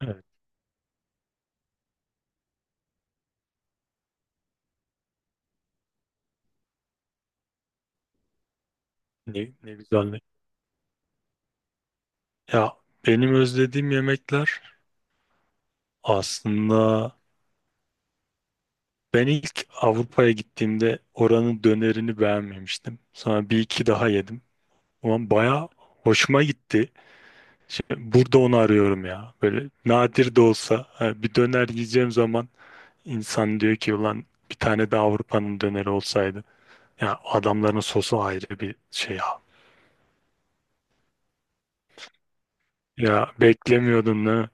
Evet, ne güzel. Ya benim özlediğim yemekler aslında ben ilk Avrupa'ya gittiğimde oranın dönerini beğenmemiştim. Sonra bir iki daha yedim. Ama baya hoşuma gitti. Şimdi burada onu arıyorum ya. Böyle nadir de olsa ha, bir döner yiyeceğim zaman insan diyor ki ulan bir tane de Avrupa'nın döneri olsaydı. Ya adamların sosu ayrı bir şey ya. Ya beklemiyordun değil mi?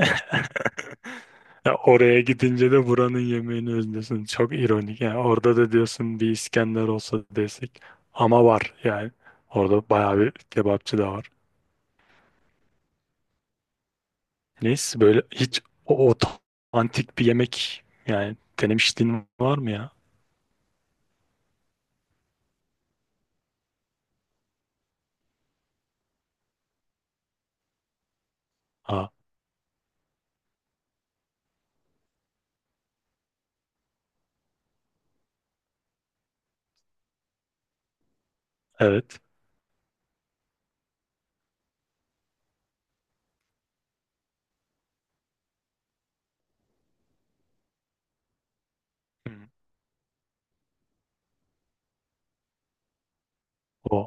Ya oraya gidince de buranın yemeğini özlüyorsun. Çok ironik. Yani orada da diyorsun bir İskender olsa desek. Ama var yani. Orada bayağı bir kebapçı da var. Neyse böyle hiç o antik bir yemek yani denemişliğin var mı ya? Ha, evet. Hı. O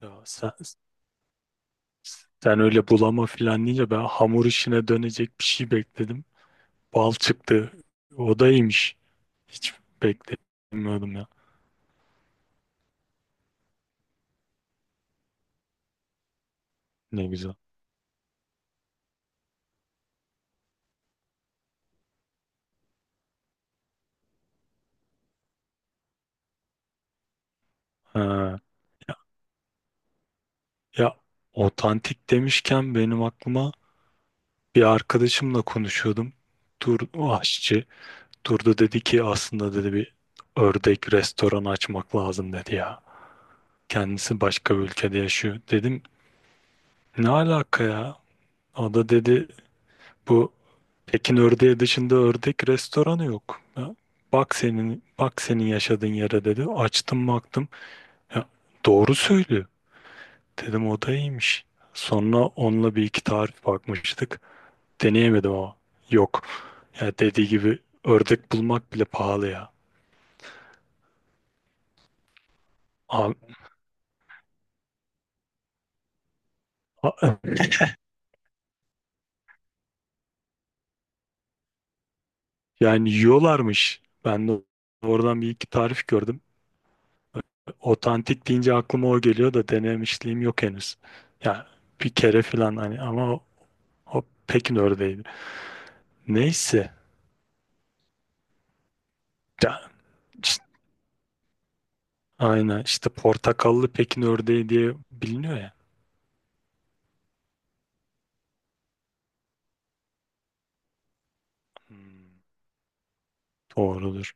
ya sen öyle bulama filan deyince ben hamur işine dönecek bir şey bekledim. Bal çıktı. O da iyiymiş. Hiç beklemiyordum ya. Ne güzel. Ha. Ya otantik demişken benim aklıma bir arkadaşımla konuşuyordum. Tur o aşçı. Turda dedi ki aslında dedi bir ördek restoranı açmak lazım dedi ya. Kendisi başka bir ülkede yaşıyor. Dedim ne alaka ya? O da dedi bu Pekin ördeği dışında ördek restoranı yok. Ya, bak senin bak senin yaşadığın yere dedi. Açtım baktım. Ya, doğru söylüyor. Dedim o da iyiymiş. Sonra onunla bir iki tarif bakmıştık. Deneyemedim ama. Yok. Ya dediği gibi ördek bulmak bile pahalı ya. A- a- yani yiyorlarmış. Ben de oradan bir iki tarif gördüm. Otantik deyince aklıma o geliyor da denemişliğim yok henüz. Ya bir kere falan hani ama o Pekin ördeğiydi. Neyse. Ya, işte- aynen işte portakallı Pekin ördeği diye biliniyor ya. Hmm, doğrudur.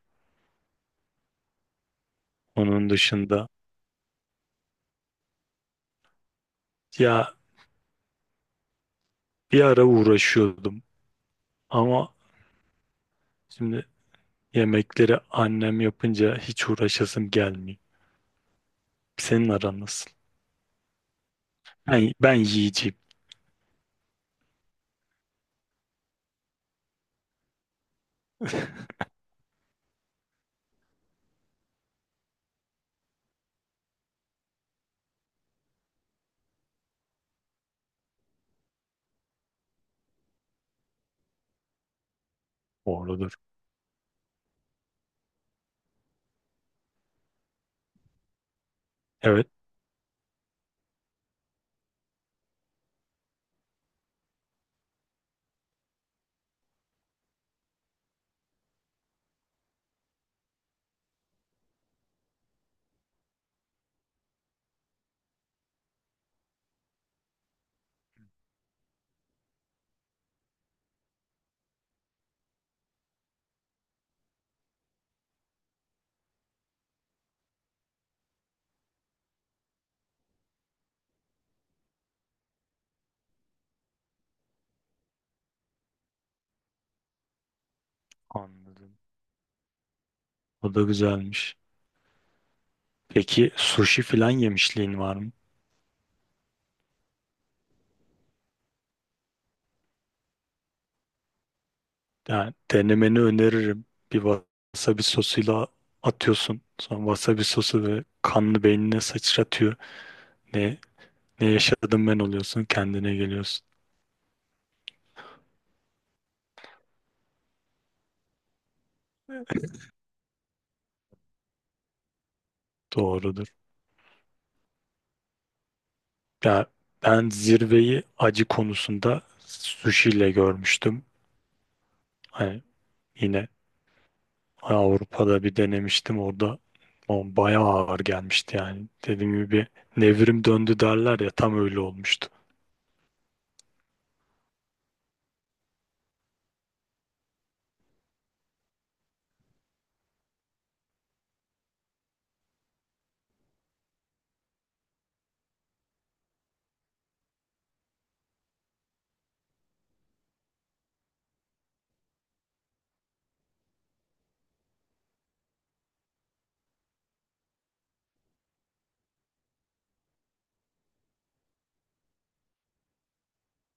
Onun dışında ya bir ara uğraşıyordum ama şimdi yemekleri annem yapınca hiç uğraşasım gelmiyor. Senin aran nasıl? Ben yiyeceğim. Doğrudur. Evet. Anladım. O da güzelmiş. Peki sushi falan yemişliğin var mı? Yani denemeni öneririm. Bir wasabi sosuyla atıyorsun. Sonra wasabi sosu ve kanlı beynine sıçratıyor. Ne, ne yaşadım ben oluyorsun. Kendine geliyorsun. Doğrudur. Ya ben zirveyi acı konusunda sushi ile görmüştüm. Hani yine Avrupa'da bir denemiştim orada. O bayağı ağır gelmişti yani. Dediğim gibi bir nevrim döndü derler ya tam öyle olmuştu.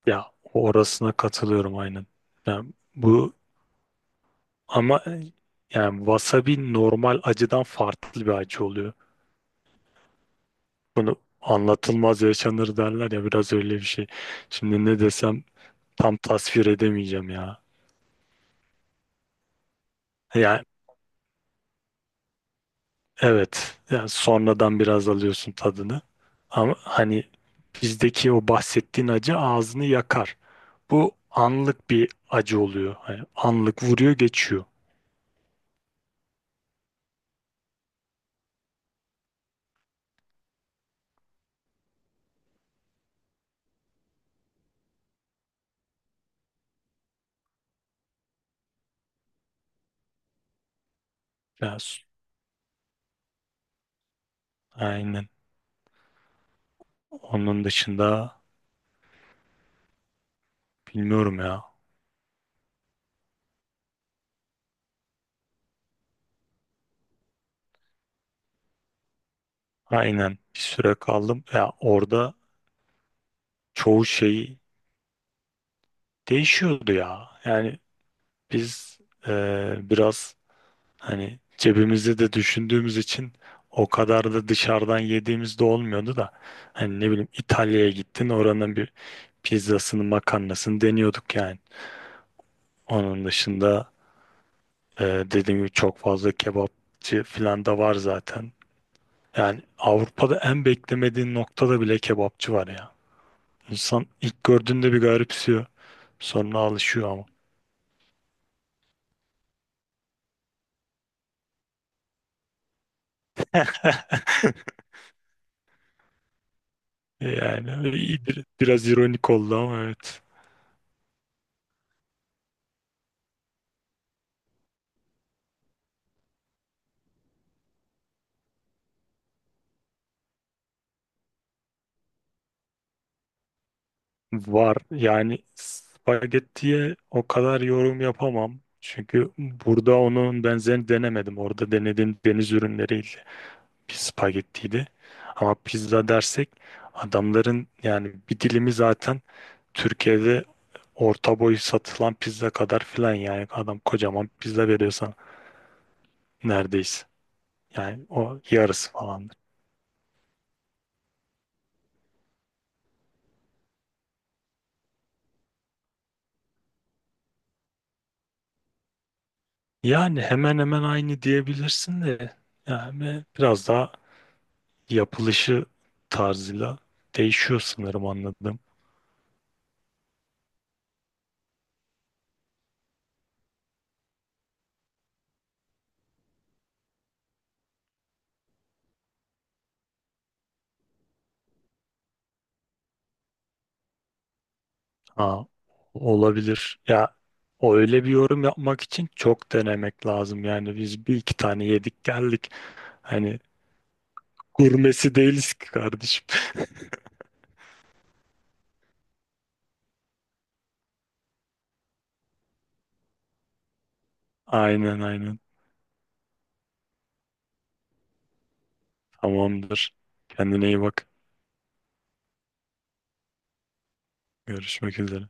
Ya orasına katılıyorum aynen. Yani bu ama yani wasabi normal acıdan farklı bir acı oluyor. Bunu anlatılmaz yaşanır derler ya biraz öyle bir şey. Şimdi ne desem tam tasvir edemeyeceğim ya. Yani evet. Yani sonradan biraz alıyorsun tadını. Ama hani bizdeki o bahsettiğin acı ağzını yakar. Bu anlık bir acı oluyor. Hani anlık vuruyor geçiyor. Biraz. Aynen. Onun dışında bilmiyorum ya. Aynen. Bir süre kaldım. Ya orada çoğu şey değişiyordu ya. Yani biz biraz hani cebimizde de düşündüğümüz için o kadar da dışarıdan yediğimiz de olmuyordu da hani ne bileyim İtalya'ya gittin oranın bir pizzasını makarnasını deniyorduk yani. Onun dışında dediğim gibi çok fazla kebapçı falan da var zaten. Yani Avrupa'da en beklemediğin noktada bile kebapçı var ya. İnsan ilk gördüğünde bir garipsiyor. Sonra alışıyor ama. Yani biraz ironik oldu ama evet. Var. Yani spagettiye o kadar yorum yapamam. Çünkü burada onun benzerini denemedim. Orada denediğim deniz ürünleriyle bir spagettiydi. Ama pizza dersek adamların yani bir dilimi zaten Türkiye'de orta boy satılan pizza kadar filan yani adam kocaman pizza veriyor sana neredeyse. Yani o yarısı falan. Yani hemen hemen aynı diyebilirsin de yani biraz daha yapılışı tarzıyla değişiyor sanırım anladım. Ha, olabilir. Ya o öyle bir yorum yapmak için çok denemek lazım. Yani biz bir iki tane yedik geldik. Hani gurmesi değiliz ki kardeşim. Aynen, aynen. Tamamdır. Kendine iyi bak. Görüşmek üzere.